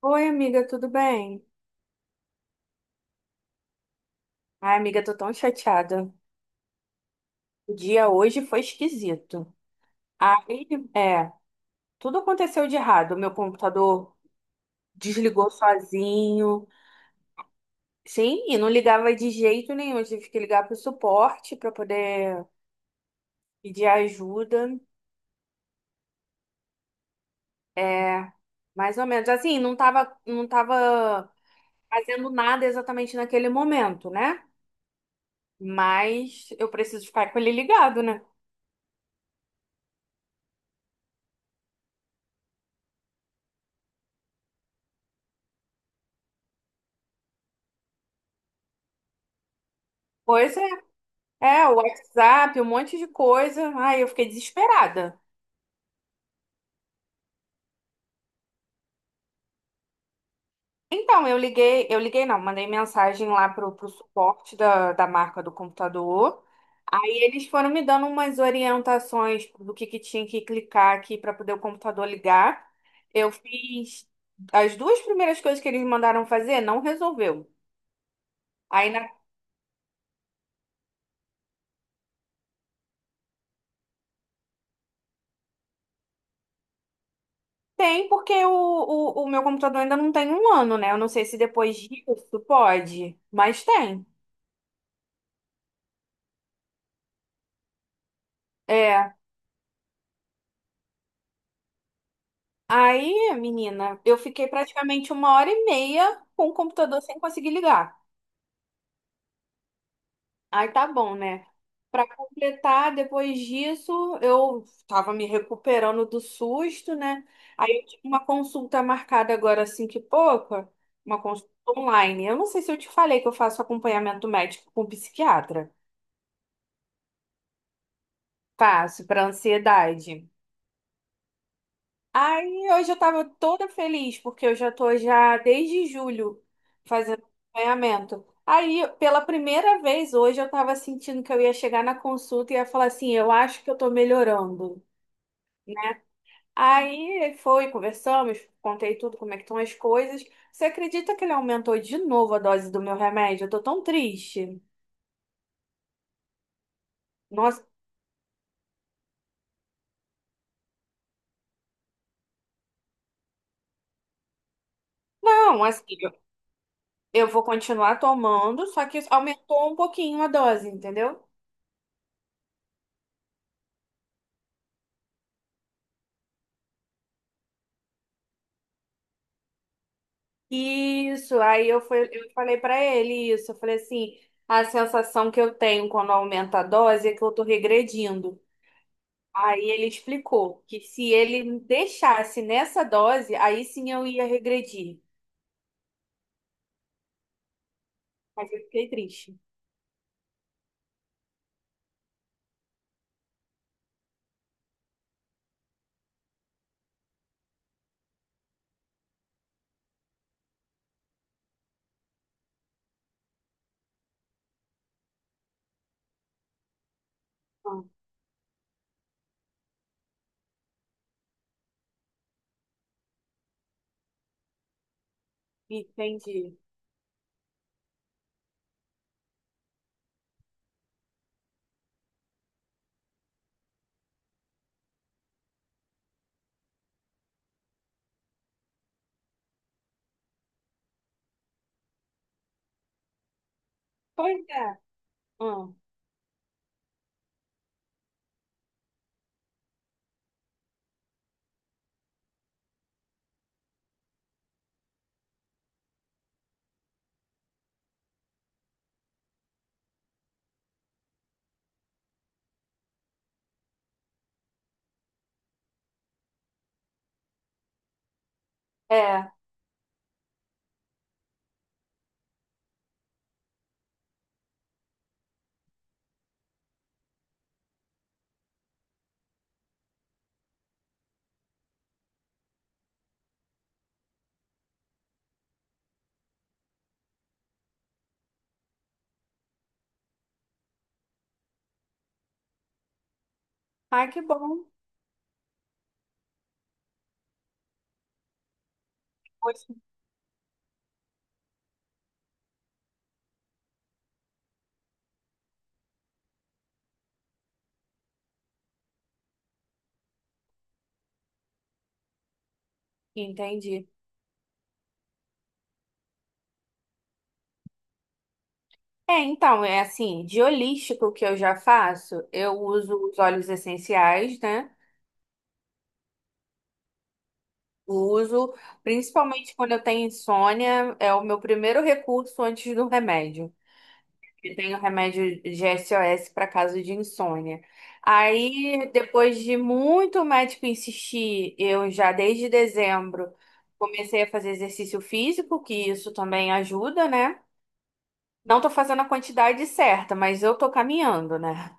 Oi, amiga, tudo bem? Ai, amiga, tô tão chateada. O dia hoje foi esquisito. Aí, é, tudo aconteceu de errado. Meu computador desligou sozinho. Sim, e não ligava de jeito nenhum. Eu tive que ligar pro suporte para poder pedir ajuda. É, mais ou menos assim, não tava fazendo nada exatamente naquele momento, né? Mas eu preciso ficar com ele ligado, né? Pois é. O WhatsApp, um monte de coisa. Ai, eu fiquei desesperada. Então, eu liguei não, mandei mensagem lá pro suporte da marca do computador. Aí eles foram me dando umas orientações do que tinha que clicar aqui para poder o computador ligar. Eu fiz as duas primeiras coisas que eles mandaram fazer, não resolveu. Ainda tem, porque o meu computador ainda não tem um ano, né? Eu não sei se depois disso pode, mas tem. É. Aí, menina, eu fiquei praticamente uma hora e meia com o computador sem conseguir ligar. Aí tá bom, né? Pra completar, depois disso, eu tava me recuperando do susto, né? Aí eu tinha uma consulta marcada agora assim que pouca, uma consulta online. Eu não sei se eu te falei que eu faço acompanhamento médico com psiquiatra. Faço para ansiedade. Aí hoje eu tava toda feliz, porque eu já tô já desde julho fazendo acompanhamento. Aí, pela primeira vez hoje, eu tava sentindo que eu ia chegar na consulta e ia falar assim, eu acho que eu tô melhorando. Aí foi, conversamos, contei tudo, como é que estão as coisas. Você acredita que ele aumentou de novo a dose do meu remédio? Eu tô tão triste. Nossa, não, assim, eu vou continuar tomando, só que aumentou um pouquinho a dose, entendeu? Isso, aí eu, fui, eu falei pra ele isso. Eu falei assim: a sensação que eu tenho quando aumenta a dose é que eu tô regredindo. Aí ele explicou que se ele me deixasse nessa dose, aí sim eu ia regredir. Mas eu fiquei triste. Hum, entendi. Pois é. Hum, é. Ai, que bom. Poxa. Entendi. É, então, é assim, de holístico que eu já faço, eu uso os óleos essenciais, né? Uso, principalmente quando eu tenho insônia, é o meu primeiro recurso antes do remédio. Eu tenho remédio de SOS para caso de insônia. Aí, depois de muito médico insistir, eu já desde dezembro comecei a fazer exercício físico, que isso também ajuda, né? Não tô fazendo a quantidade certa, mas eu tô caminhando, né?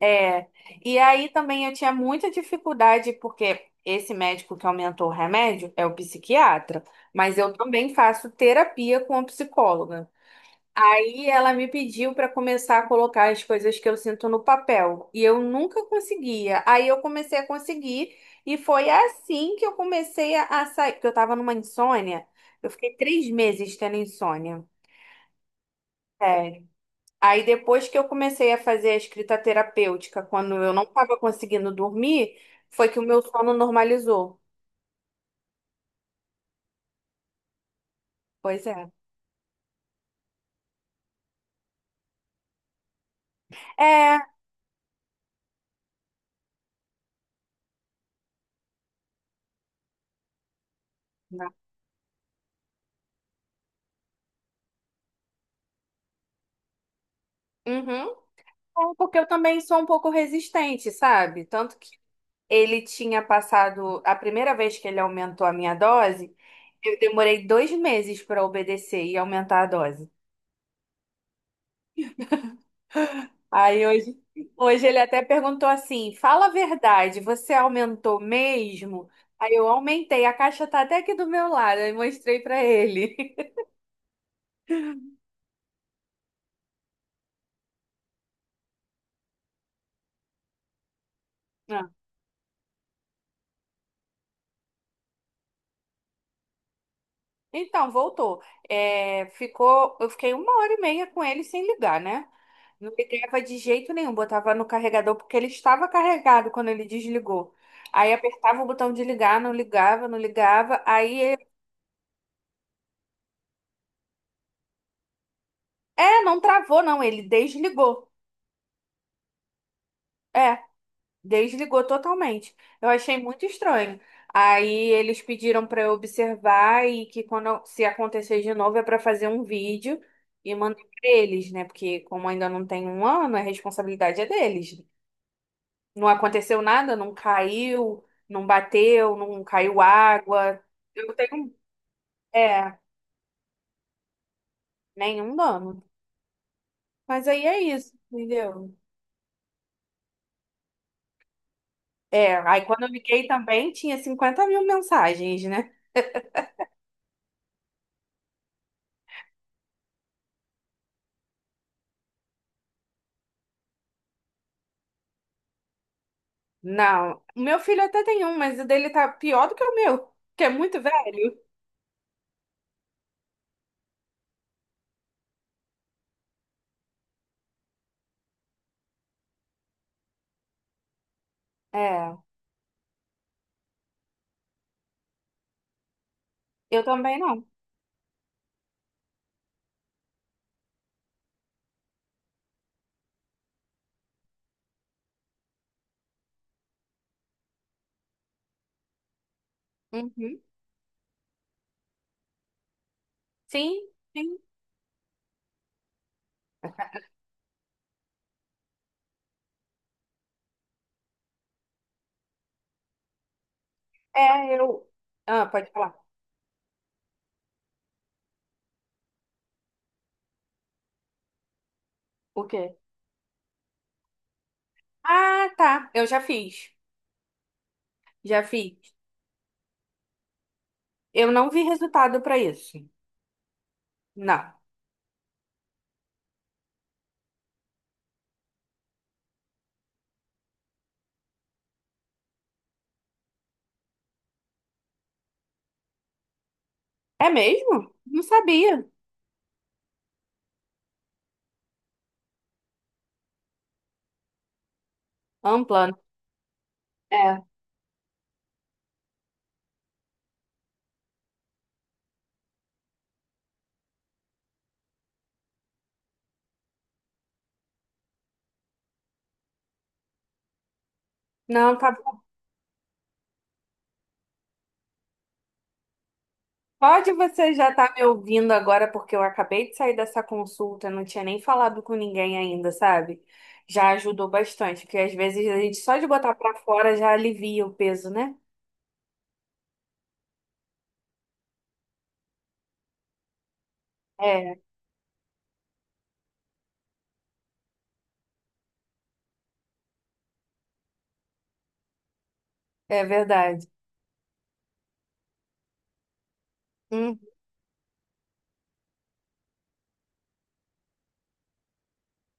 É, e aí também eu tinha muita dificuldade, porque esse médico que aumentou o remédio é o psiquiatra, mas eu também faço terapia com a psicóloga. Aí ela me pediu para começar a colocar as coisas que eu sinto no papel, e eu nunca conseguia. Aí eu comecei a conseguir, e foi assim que eu comecei a sair, porque eu estava numa insônia, eu fiquei 3 meses tendo insônia. É. Aí depois que eu comecei a fazer a escrita terapêutica, quando eu não estava conseguindo dormir, foi que o meu sono normalizou. Pois é. É. Né? Uhum. É, porque eu também sou um pouco resistente, sabe? Tanto que ele tinha passado, a primeira vez que ele aumentou a minha dose, eu demorei 2 meses para obedecer e aumentar a dose. Aí hoje, hoje ele até perguntou assim: fala a verdade, você aumentou mesmo? Aí eu aumentei, a caixa tá até aqui do meu lado, aí mostrei pra ele. Ah, então, voltou. É, ficou, eu fiquei uma hora e meia com ele sem ligar, né? Não ligava de jeito nenhum, botava no carregador porque ele estava carregado quando ele desligou. Aí apertava o botão de ligar, não ligava, não ligava. Aí, ele- é, não travou, não, ele desligou. É. Desligou totalmente. Eu achei muito estranho. Aí eles pediram para eu observar e que quando se acontecer de novo é para fazer um vídeo e mandar para eles, né? Porque como ainda não tem um ano, a responsabilidade é deles. Não aconteceu nada, não caiu, não bateu, não caiu água. Eu tenho, é, nenhum dano. Mas aí é isso, entendeu? É, aí quando eu liguei também tinha 50.000 mensagens, né? Não, o meu filho até tem um, mas o dele tá pior do que o meu, que é muito velho. É, eu também não. Uhum. Sim, sim. É, eu. Ah, pode falar. O quê? Ah, tá. Eu já fiz. Já fiz. Eu não vi resultado pra isso. Não. É mesmo? Não sabia. Ampla. É. Não, tá. Pode você já estar me ouvindo agora, porque eu acabei de sair dessa consulta, não tinha nem falado com ninguém ainda, sabe? Já ajudou bastante, porque às vezes a gente só de botar pra fora já alivia o peso, né? É, é verdade. Hum.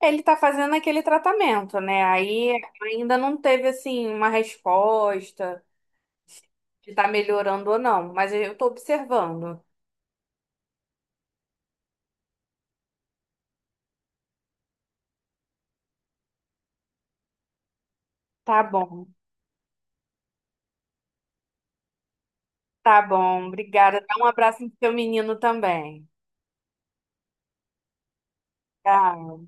Ele tá fazendo aquele tratamento, né? Aí ainda não teve, assim, uma resposta de tá melhorando ou não, mas eu tô observando. Tá bom, tá bom. Obrigada. Dá um abraço no seu menino também. Tchau.